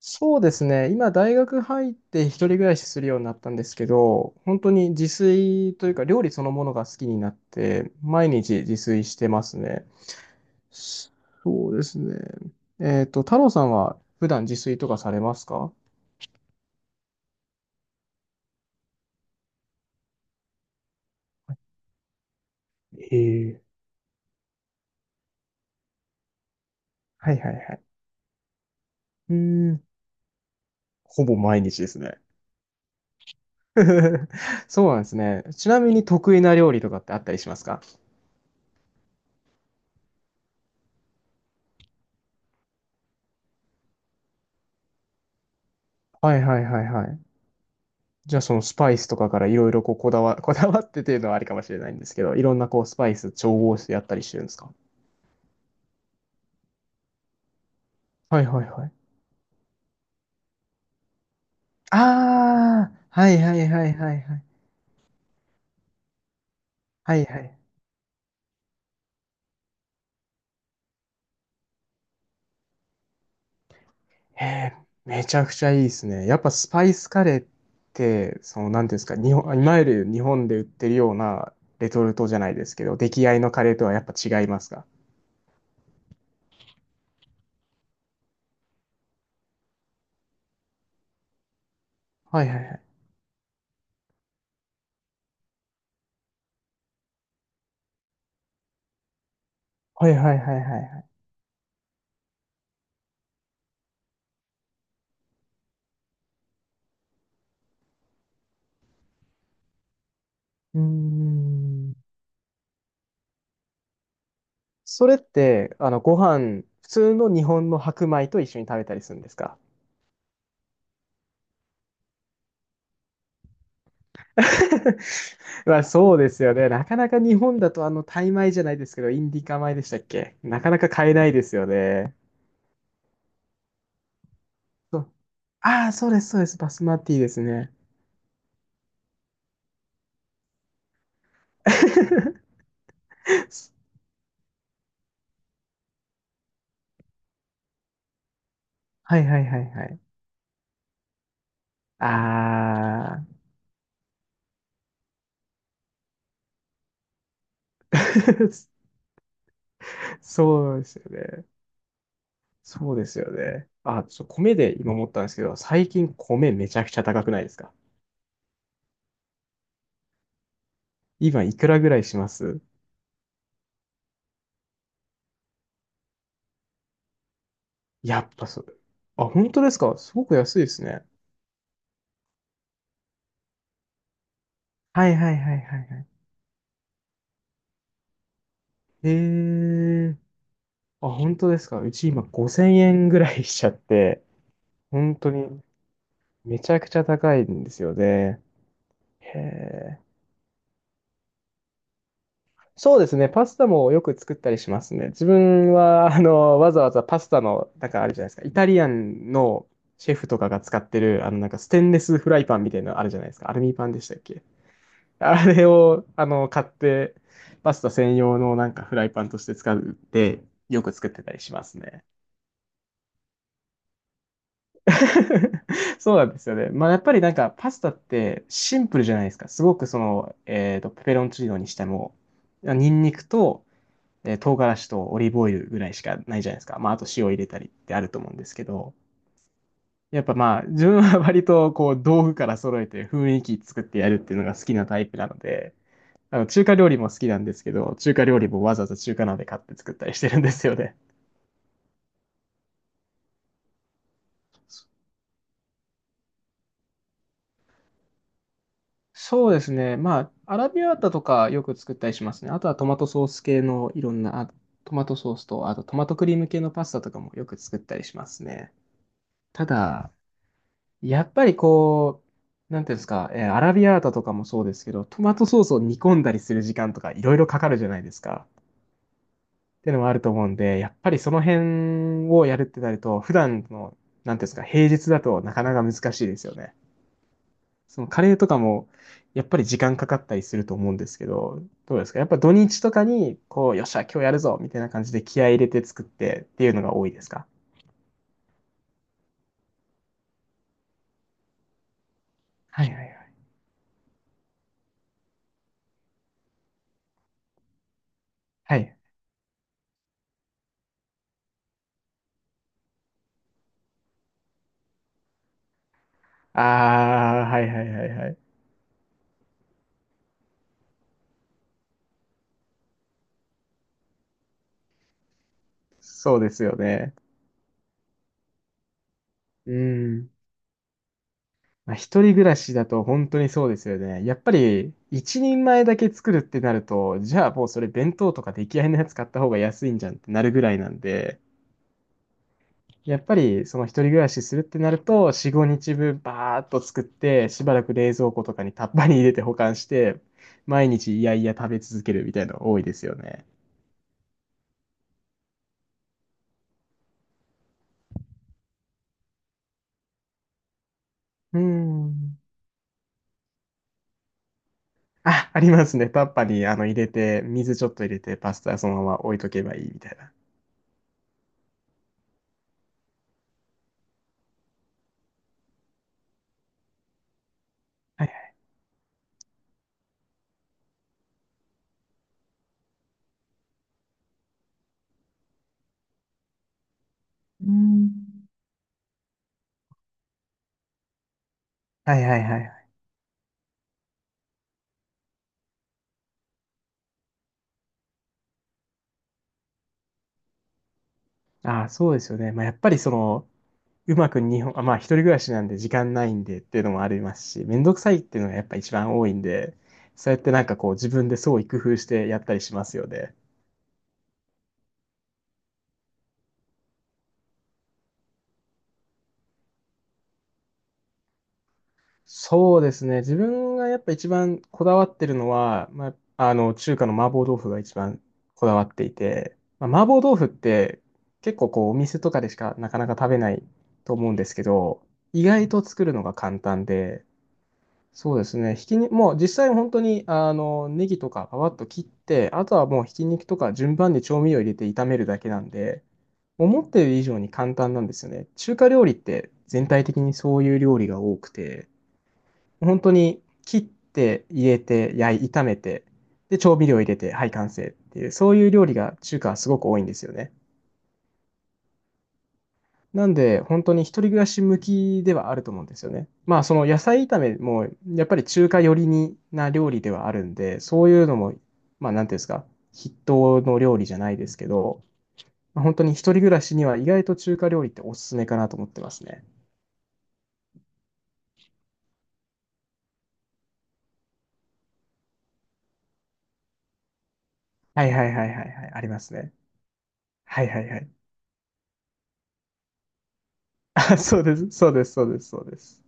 そうですね。今、大学入って一人暮らしするようになったんですけど、本当に自炊というか料理そのものが好きになって、毎日自炊してますね。そうですね。太郎さんは普段自炊とかされますか？ええ、はいはいはい。うーん、ほぼ毎日ですね。そうなんですね。ちなみに得意な料理とかってあったりしますか？はいはいはいはい。じゃあそのスパイスとかからいろいろこうこだわ、こだわってっていうのはありかもしれないんですけど、いろんなこうスパイス調合してやったりしてるんですか？はいはいはい。ああ、はいはいはいはいはい。はいはい。へえ、めちゃくちゃいいですね。やっぱスパイスカレーって、なんていうんですか、日本、いわゆる日本で売ってるようなレトルトじゃないですけど、出来合いのカレーとはやっぱ違いますか？はいはいはい。はいはいはいはいはい。うーん。それって、ご飯、普通の日本の白米と一緒に食べたりするんですか？ まあ、そうですよね。なかなか日本だと、タイ米じゃないですけど、インディカ米でしたっけ？なかなか買えないですよね。そうああ、そうです、そうです。バスマティですね。はいはいはいはい。ああ、そうですよね。そうですよね。あ、そう、米で今思ったんですけど、最近米めちゃくちゃ高くないですか？今いくらぐらいします？やっぱそう。あ、本当ですか？すごく安いですね。はいはいはいはいはい。へえ。あ、本当ですか？うち今5000円ぐらいしちゃって、本当にめちゃくちゃ高いんですよね。へえ。そうですね。パスタもよく作ったりしますね。自分は、わざわざパスタの、なんかあるじゃないですか。イタリアンのシェフとかが使ってる、なんかステンレスフライパンみたいなのあるじゃないですか。アルミパンでしたっけ？あれを、買って、パスタ専用のなんかフライパンとして使って、よく作ってたりしますね。そうなんですよね。まあ、やっぱりなんか、パスタってシンプルじゃないですか。すごくペペロンチーノにしても、ニンニクと、唐辛子とオリーブオイルぐらいしかないじゃないですか。まあ、あと塩入れたりってあると思うんですけど、やっぱまあ、自分は割とこう、道具から揃えて雰囲気作ってやるっていうのが好きなタイプなので、中華料理も好きなんですけど、中華料理もわざわざ中華鍋買って作ったりしてるんですよね。そそうですね。まあ、アラビアータとかよく作ったりしますね。あとはトマトソース系のいろんな、あトマトソースと、あとトマトクリーム系のパスタとかもよく作ったりしますね。ただ、やっぱりこう、なんていうんですか、アラビアータとかもそうですけど、トマトソースを煮込んだりする時間とかいろいろかかるじゃないですか。っていうのもあると思うんで、やっぱりその辺をやるってなると、普段の、なんていうんですか、平日だとなかなか難しいですよね。そのカレーとかも、やっぱり時間かかったりすると思うんですけど、どうですか？やっぱ土日とかに、こう、よっしゃ、今日やるぞみたいな感じで気合い入れて作ってっていうのが多いですか？はいはいはい。はい。ああ、はいはいはいはい。そうですよね。うん。まあ、一人暮らしだと本当にそうですよね。やっぱり一人前だけ作るってなると、じゃあもうそれ弁当とか出来合いのやつ買った方が安いんじゃんってなるぐらいなんで、やっぱりその一人暮らしするってなると、4、5日分バーッと作って、しばらく冷蔵庫とかにタッパーに入れて保管して、毎日いやいや食べ続けるみたいなの多いですよね。うーん。あ、ありますね。タッパーにあの入れて、水ちょっと入れて、パスタそのまま置いとけばいいみたいな。はいはい。うーん。はいはいはい。ああ、そうですよね。まあ、やっぱりその、うまく日本、あ、まあ、一人暮らしなんで時間ないんでっていうのもありますし、めんどくさいっていうのがやっぱ一番多いんで、そうやってなんかこう自分で創意工夫してやったりしますよね。そうですね。自分がやっぱ一番こだわってるのは、まあ、中華の麻婆豆腐が一番こだわっていて、まあ、麻婆豆腐って結構こうお店とかでしかなかなか食べないと思うんですけど、意外と作るのが簡単で、そうですね。ひきに、もう実際本当に、ネギとかパパッと切って、あとはもうひき肉とか順番に調味料入れて炒めるだけなんで、思ってる以上に簡単なんですよね。中華料理って全体的にそういう料理が多くて、本当に切って入れて炒めて、で、調味料入れて、はい、完成っていう、そういう料理が中華はすごく多いんですよね。なんで、本当に一人暮らし向きではあると思うんですよね。まあ、その野菜炒めも、やっぱり中華寄りにな料理ではあるんで、そういうのも、まあ、なんていうんですか、筆頭の料理じゃないですけど、まあ本当に一人暮らしには意外と中華料理っておすすめかなと思ってますね。はいはいはいはいはい、ありますね。はいはいはい。あ、そうです、そうです、そうです、そうです。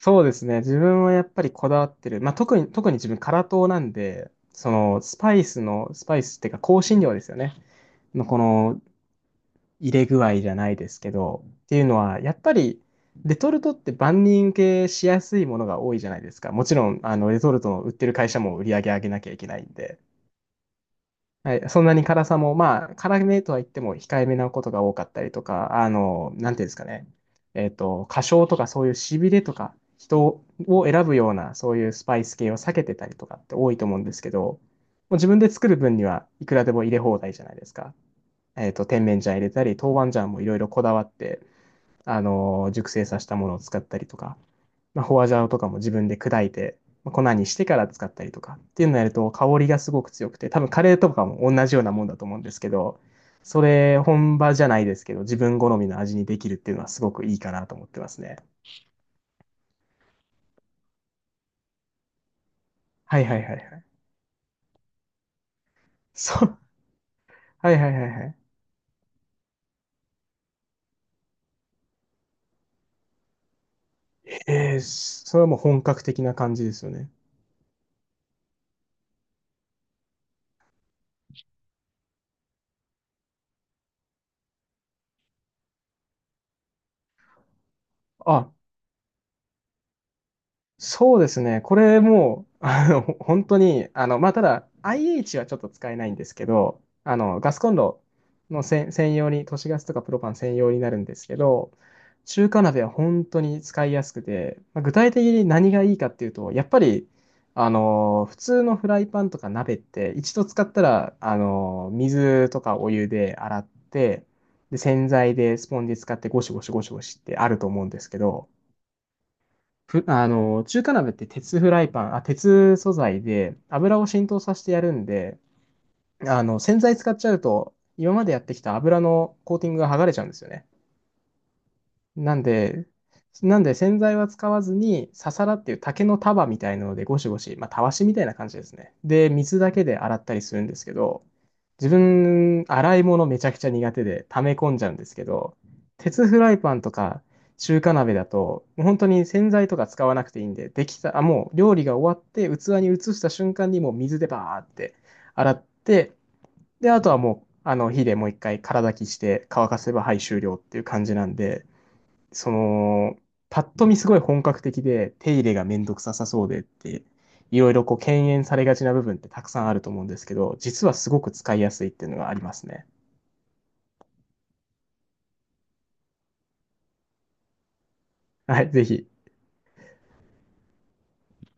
そうですね。自分はやっぱりこだわってる。まあ、特に自分、辛党なんで、その、スパイスっていうか、香辛料ですよね。のこの入れ具合じゃないですけど、っていうのは、やっぱりレトルトって万人受けしやすいものが多いじゃないですか。もちろん、レトルトの売ってる会社も売り上げ上げなきゃいけないんで、はい、そんなに辛さも、まあ、辛めとは言っても控えめなことが多かったりとか、なんていうんですかね、過小とかそういうしびれとか、人を選ぶような、そういうスパイス系を避けてたりとかって多いと思うんですけど、もう自分で作る分にはいくらでも入れ放題じゃないですか。甜麺醤入れたり、豆板醤もいろいろこだわって、熟成させたものを使ったりとか、まあ、ホワジャオとかも自分で砕いて、まあ粉にしてから使ったりとかっていうのをやると香りがすごく強くて、多分カレーとかも同じようなもんだと思うんですけど、それ本場じゃないですけど、自分好みの味にできるっていうのはすごくいいかなと思ってますね。はいはいはいはい。そう。はいはいはいはい。えー、それはもう本格的な感じですよね。あ、そうですね。これもう、本当に、まあ、ただ、IH はちょっと使えないんですけど、ガスコンロの専用に、都市ガスとかプロパン専用になるんですけど、中華鍋は本当に使いやすくて、まあ具体的に何がいいかっていうと、やっぱり、普通のフライパンとか鍋って、一度使ったら、水とかお湯で洗って、で、洗剤でスポンジ使ってゴシゴシゴシゴシってあると思うんですけど、ふ、あの、中華鍋って鉄フライパン、鉄素材で油を浸透させてやるんで、洗剤使っちゃうと、今までやってきた油のコーティングが剥がれちゃうんですよね。なんで、洗剤は使わずに、ササラっていう竹の束みたいなのでゴシゴシ、まあ、たわしみたいな感じですね。で、水だけで洗ったりするんですけど、自分、洗い物めちゃくちゃ苦手で溜め込んじゃうんですけど、鉄フライパンとか中華鍋だと、もう本当に洗剤とか使わなくていいんで、できた、あ、もう料理が終わって器に移した瞬間にもう水でバーって洗って、で、あとはもう、火でもう一回空炊きして乾かせば、はい、終了っていう感じなんで、その、パッと見すごい本格的で、手入れがめんどくささそうでって、いろいろこう、敬遠されがちな部分ってたくさんあると思うんですけど、実はすごく使いやすいっていうのがありますね。はい、ぜひ。